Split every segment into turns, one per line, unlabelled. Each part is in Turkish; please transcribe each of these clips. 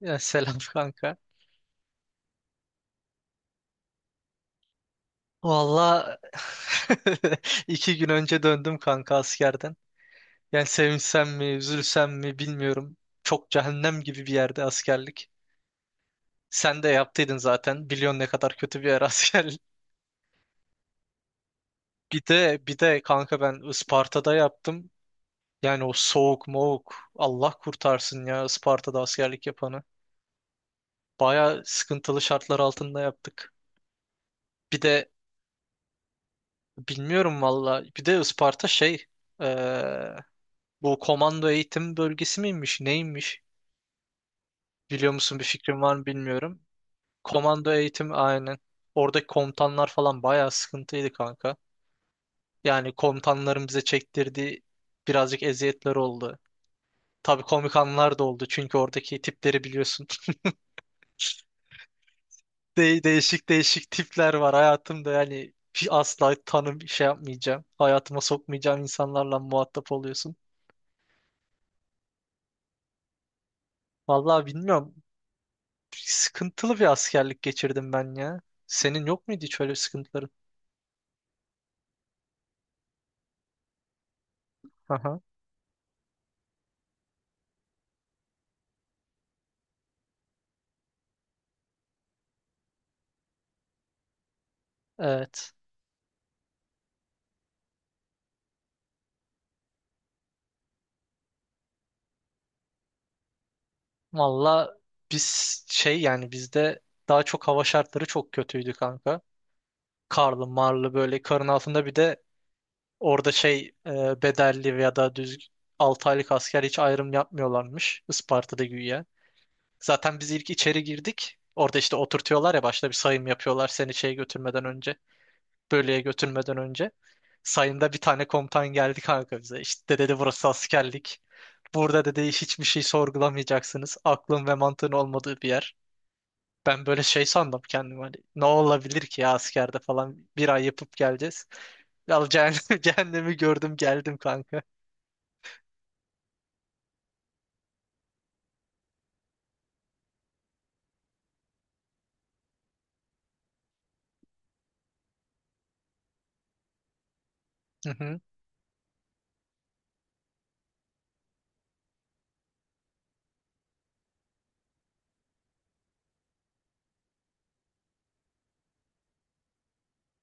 Ya selam kanka. Valla 2 gün önce döndüm kanka askerden. Yani sevinsem mi, üzülsem mi bilmiyorum. Çok cehennem gibi bir yerde askerlik. Sen de yaptıydın zaten. Biliyorsun ne kadar kötü bir yer askerlik. Bir de kanka ben Isparta'da yaptım. Yani o soğuk moğuk Allah kurtarsın ya Isparta'da askerlik yapanı. Baya sıkıntılı şartlar altında yaptık. Bir de bilmiyorum valla. Bir de Isparta şey eee, bu komando eğitim bölgesi miymiş, neymiş? Biliyor musun, bir fikrin var mı bilmiyorum. Komando eğitim, aynen. Oradaki komutanlar falan bayağı sıkıntıydı kanka. Yani komutanların bize çektirdiği birazcık eziyetler oldu. Tabii komik anlar da oldu, çünkü oradaki tipleri biliyorsun. De değişik değişik tipler var hayatımda, yani hiç asla tanım şey yapmayacağım. Hayatıma sokmayacağım insanlarla muhatap oluyorsun. Vallahi bilmiyorum. Sıkıntılı bir askerlik geçirdim ben ya. Senin yok muydu hiç öyle sıkıntıların? Aha. Evet. Valla biz şey, yani bizde daha çok hava şartları çok kötüydü kanka. Karlı marlı, böyle karın altında. Bir de orada şey bedelli veya da düz 6 aylık asker hiç ayrım yapmıyorlarmış Isparta'da güya. Zaten biz ilk içeri girdik. Orada işte oturtuyorlar ya, başta bir sayım yapıyorlar seni şeye götürmeden önce. Bölüye götürmeden önce. Sayında bir tane komutan geldi kanka bize. İşte dedi, burası askerlik. Burada dedi hiçbir şey sorgulamayacaksınız. Aklın ve mantığın olmadığı bir yer. Ben böyle şey sandım kendim, hani ne olabilir ki ya askerde falan, bir ay yapıp geleceğiz. Ya cehennem, cehennemi gördüm geldim kanka. Hı hı.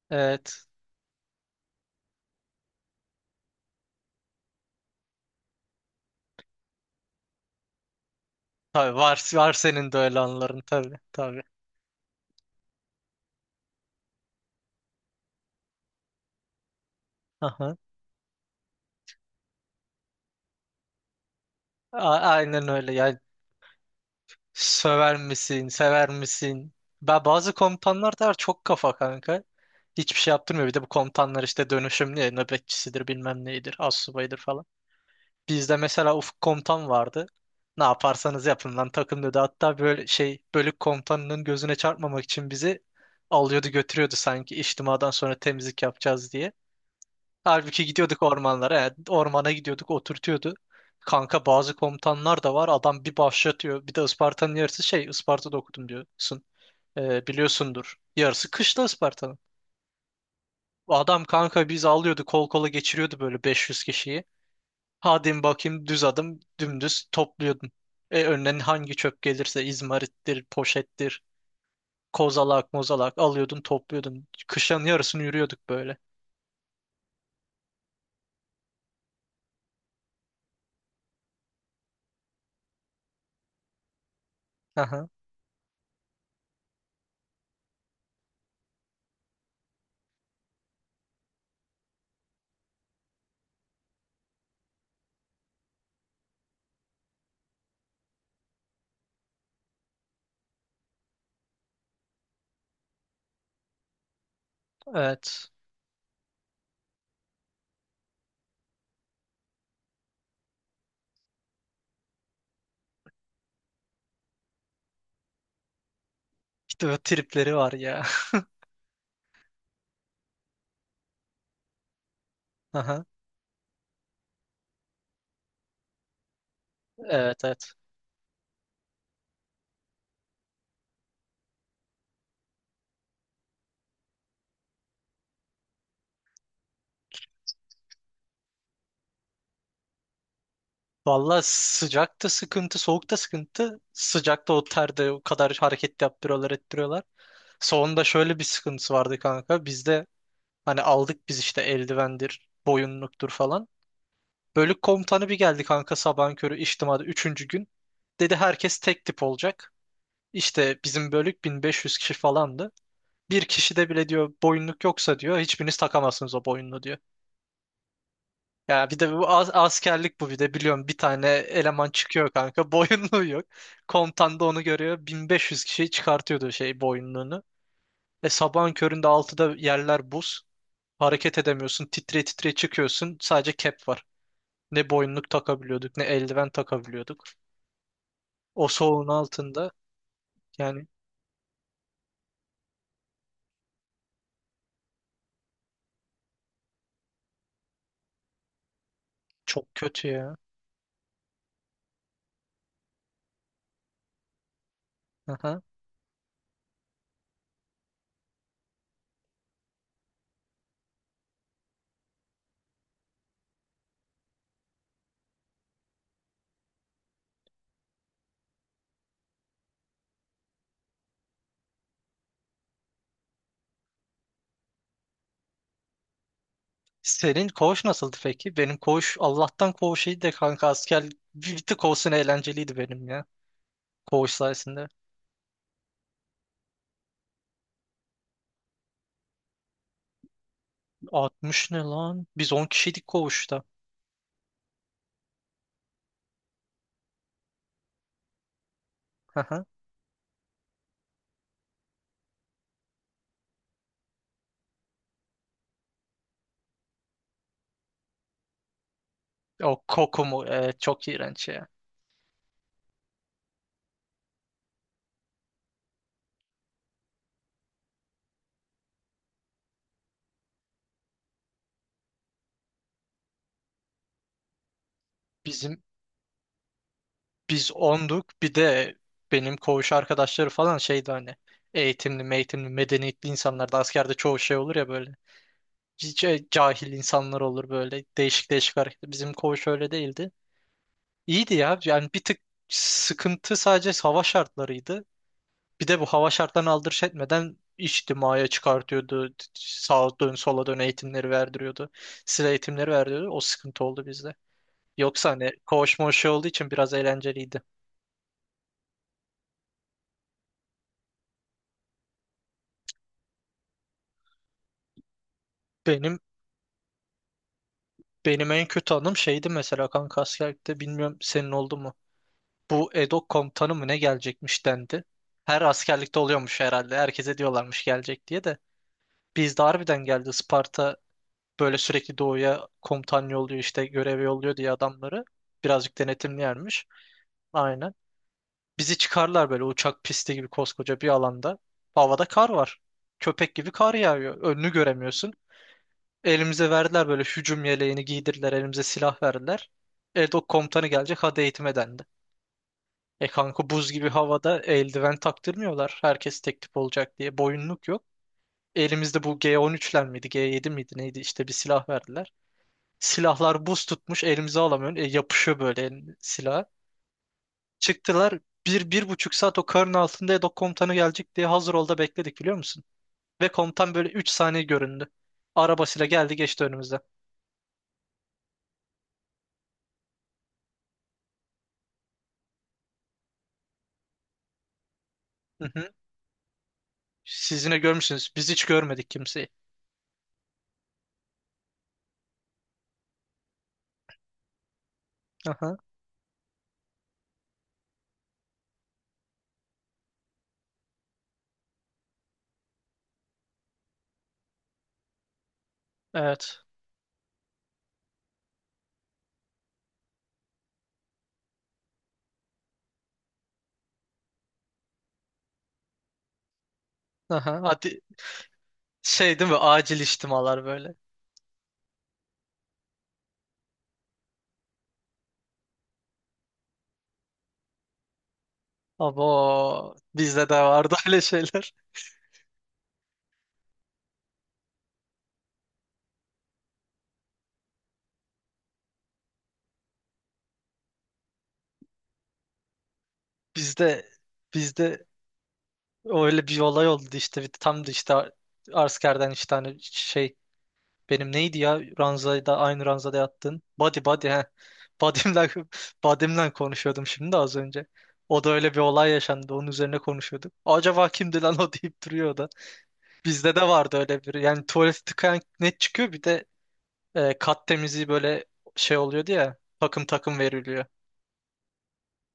Evet. Tabii var senin de öyle anların, tabii tabii. Aha. Aynen öyle. Yani söver misin? Sever misin? Ben, bazı komutanlar da var çok kafa kanka. Hiçbir şey yaptırmıyor. Bir de bu komutanlar işte dönüşümlü ya, nöbetçisidir bilmem neydir astsubaydır falan. Bizde mesela Ufuk komutan vardı. Ne yaparsanız yapın lan takım dedi. Hatta böyle şey, bölük komutanının gözüne çarpmamak için bizi alıyordu götürüyordu, sanki içtimadan sonra temizlik yapacağız diye. Halbuki gidiyorduk ormanlara. He. Ormana gidiyorduk, oturtuyordu. Kanka bazı komutanlar da var. Adam bir başlatıyor. Bir de Isparta'nın yarısı şey, Isparta'da okudum diyorsun. Biliyorsundur. Yarısı kışla Isparta'nın. Adam kanka biz alıyordu, kol kola geçiriyordu böyle 500 kişiyi. Hadi bakayım düz adım, dümdüz topluyordun. E, önüne hangi çöp gelirse izmarittir, poşettir, kozalak, mozalak alıyordun, topluyordun. Kışın yarısını yürüyorduk böyle. Aha, evet. İşte bu tripleri var ya. Aha. Evet evet. Valla sıcakta sıkıntı, soğukta sıkıntı. Sıcakta o terde o kadar hareket yaptırıyorlar, ettiriyorlar. Soğunda şöyle bir sıkıntısı vardı kanka. Bizde hani aldık biz işte eldivendir, boyunluktur falan. Bölük komutanı bir geldi kanka, sabahın körü içtimada üçüncü gün. Dedi herkes tek tip olacak. İşte bizim bölük 1.500 kişi falandı. Bir kişi de bile diyor boyunluk yoksa diyor hiçbiriniz takamazsınız o boyunluğu diyor. Ya bir de bu askerlik bu, bir de biliyorum bir tane eleman çıkıyor kanka boyunluğu yok. Komutan da onu görüyor, 1500 kişiyi çıkartıyordu şey, boyunluğunu. E sabahın köründe altıda yerler buz. Hareket edemiyorsun, titre titre çıkıyorsun, sadece cap var. Ne boyunluk takabiliyorduk ne eldiven takabiliyorduk. O soğuğun altında, yani çok kötü ya. Aha. Senin koğuş nasıldı peki? Benim koğuş Allah'tan koğuş iyiydi de kanka, asker bir tık olsun eğlenceliydi benim ya. Koğuş sayesinde. 60 ne lan? Biz 10 kişiydik koğuşta. Hı hı. O koku mu? Evet, çok iğrenç ya. Bizim biz 10'duk. Bir de benim koğuş arkadaşları falan şeydi, hani eğitimli, medeniyetli insanlar da askerde çoğu şey olur ya böyle. Cahil insanlar olur böyle. Değişik değişik hareket. Bizim koğuş öyle değildi. İyiydi ya. Yani bir tık sıkıntı sadece hava şartlarıydı. Bir de bu hava şartlarını aldırış etmeden içtimaya çıkartıyordu. Sağa dön sola dön eğitimleri verdiriyordu. Size eğitimleri verdiriyordu. O sıkıntı oldu bizde. Yoksa hani koğuşma şey olduğu için biraz eğlenceliydi. Benim benim en kötü anım şeydi mesela kanka askerlikte, bilmiyorum senin oldu mu? Bu EDOK komutanı mı ne gelecekmiş dendi. Her askerlikte oluyormuş herhalde. Herkese diyorlarmış gelecek diye de. Bizde harbiden geldi. Isparta böyle sürekli doğuya komutan yolluyor, işte görev yolluyor diye adamları. Birazcık denetimli yermiş. Aynen. Bizi çıkarlar böyle uçak pisti gibi koskoca bir alanda. Havada kar var. Köpek gibi kar yağıyor. Önünü göremiyorsun. Elimize verdiler böyle, hücum yeleğini giydirdiler. Elimize silah verdiler. Edok komutanı gelecek hadi eğitime dendi. E kanka buz gibi havada eldiven taktırmıyorlar. Herkes tek tip olacak diye. Boyunluk yok. Elimizde bu G13'ler miydi? G7 miydi neydi? İşte bir silah verdiler. Silahlar buz tutmuş, elimize alamıyorsun. E, yapışıyor böyle silah. Çıktılar, bir, 1,5 saat o karın altında Edo komutanı gelecek diye hazır ol da bekledik, biliyor musun? Ve komutan böyle 3 saniye göründü. Arabasıyla geldi geçti önümüzden. Hı hı. Siz yine görmüşsünüz. Biz hiç görmedik kimseyi. Aha. Evet. Aha. Hadi şey değil mi? Acil içtimalar böyle. Abo bizde de vardı öyle şeyler. Bizde bizde öyle bir olay oldu işte. Tam da işte askerden işte hani şey, benim neydi ya, ranzada aynı ranzada yattın. Body body he. Badim'den, badim'den konuşuyordum şimdi de, az önce. O da, öyle bir olay yaşandı. Onun üzerine konuşuyorduk. Acaba kimdi lan o deyip duruyor o da. Bizde de vardı öyle biri. Yani tuvalet tıkayan net çıkıyor. Bir de e, kat temizliği böyle şey oluyordu ya. Takım takım veriliyor.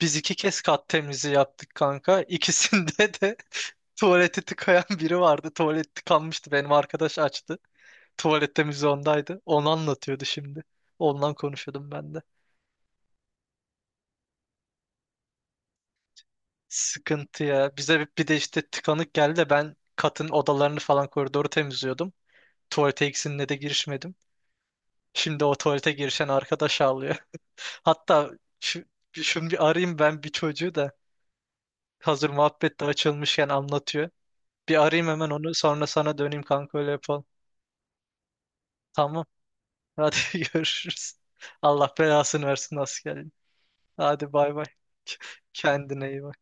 Biz iki kez kat temizliği yaptık kanka. İkisinde de tuvaleti tıkayan biri vardı. Tuvalet tıkanmıştı. Benim arkadaş açtı. Tuvalette müze ondaydı. Onu anlatıyordu şimdi. Ondan konuşuyordum ben de. Sıkıntı ya. Bize bir de işte tıkanık geldi de ben katın odalarını falan koridoru temizliyordum. Tuvalete ikisine de girişmedim. Şimdi o tuvalete girişen arkadaş ağlıyor. Hatta şu, şunu bir arayayım ben, bir çocuğu da, hazır muhabbet de açılmışken anlatıyor. Bir arayayım hemen onu, sonra sana döneyim kanka, öyle yapalım. Tamam. Hadi görüşürüz. Allah belasını versin askerin. Hadi bay bay. Kendine iyi bak.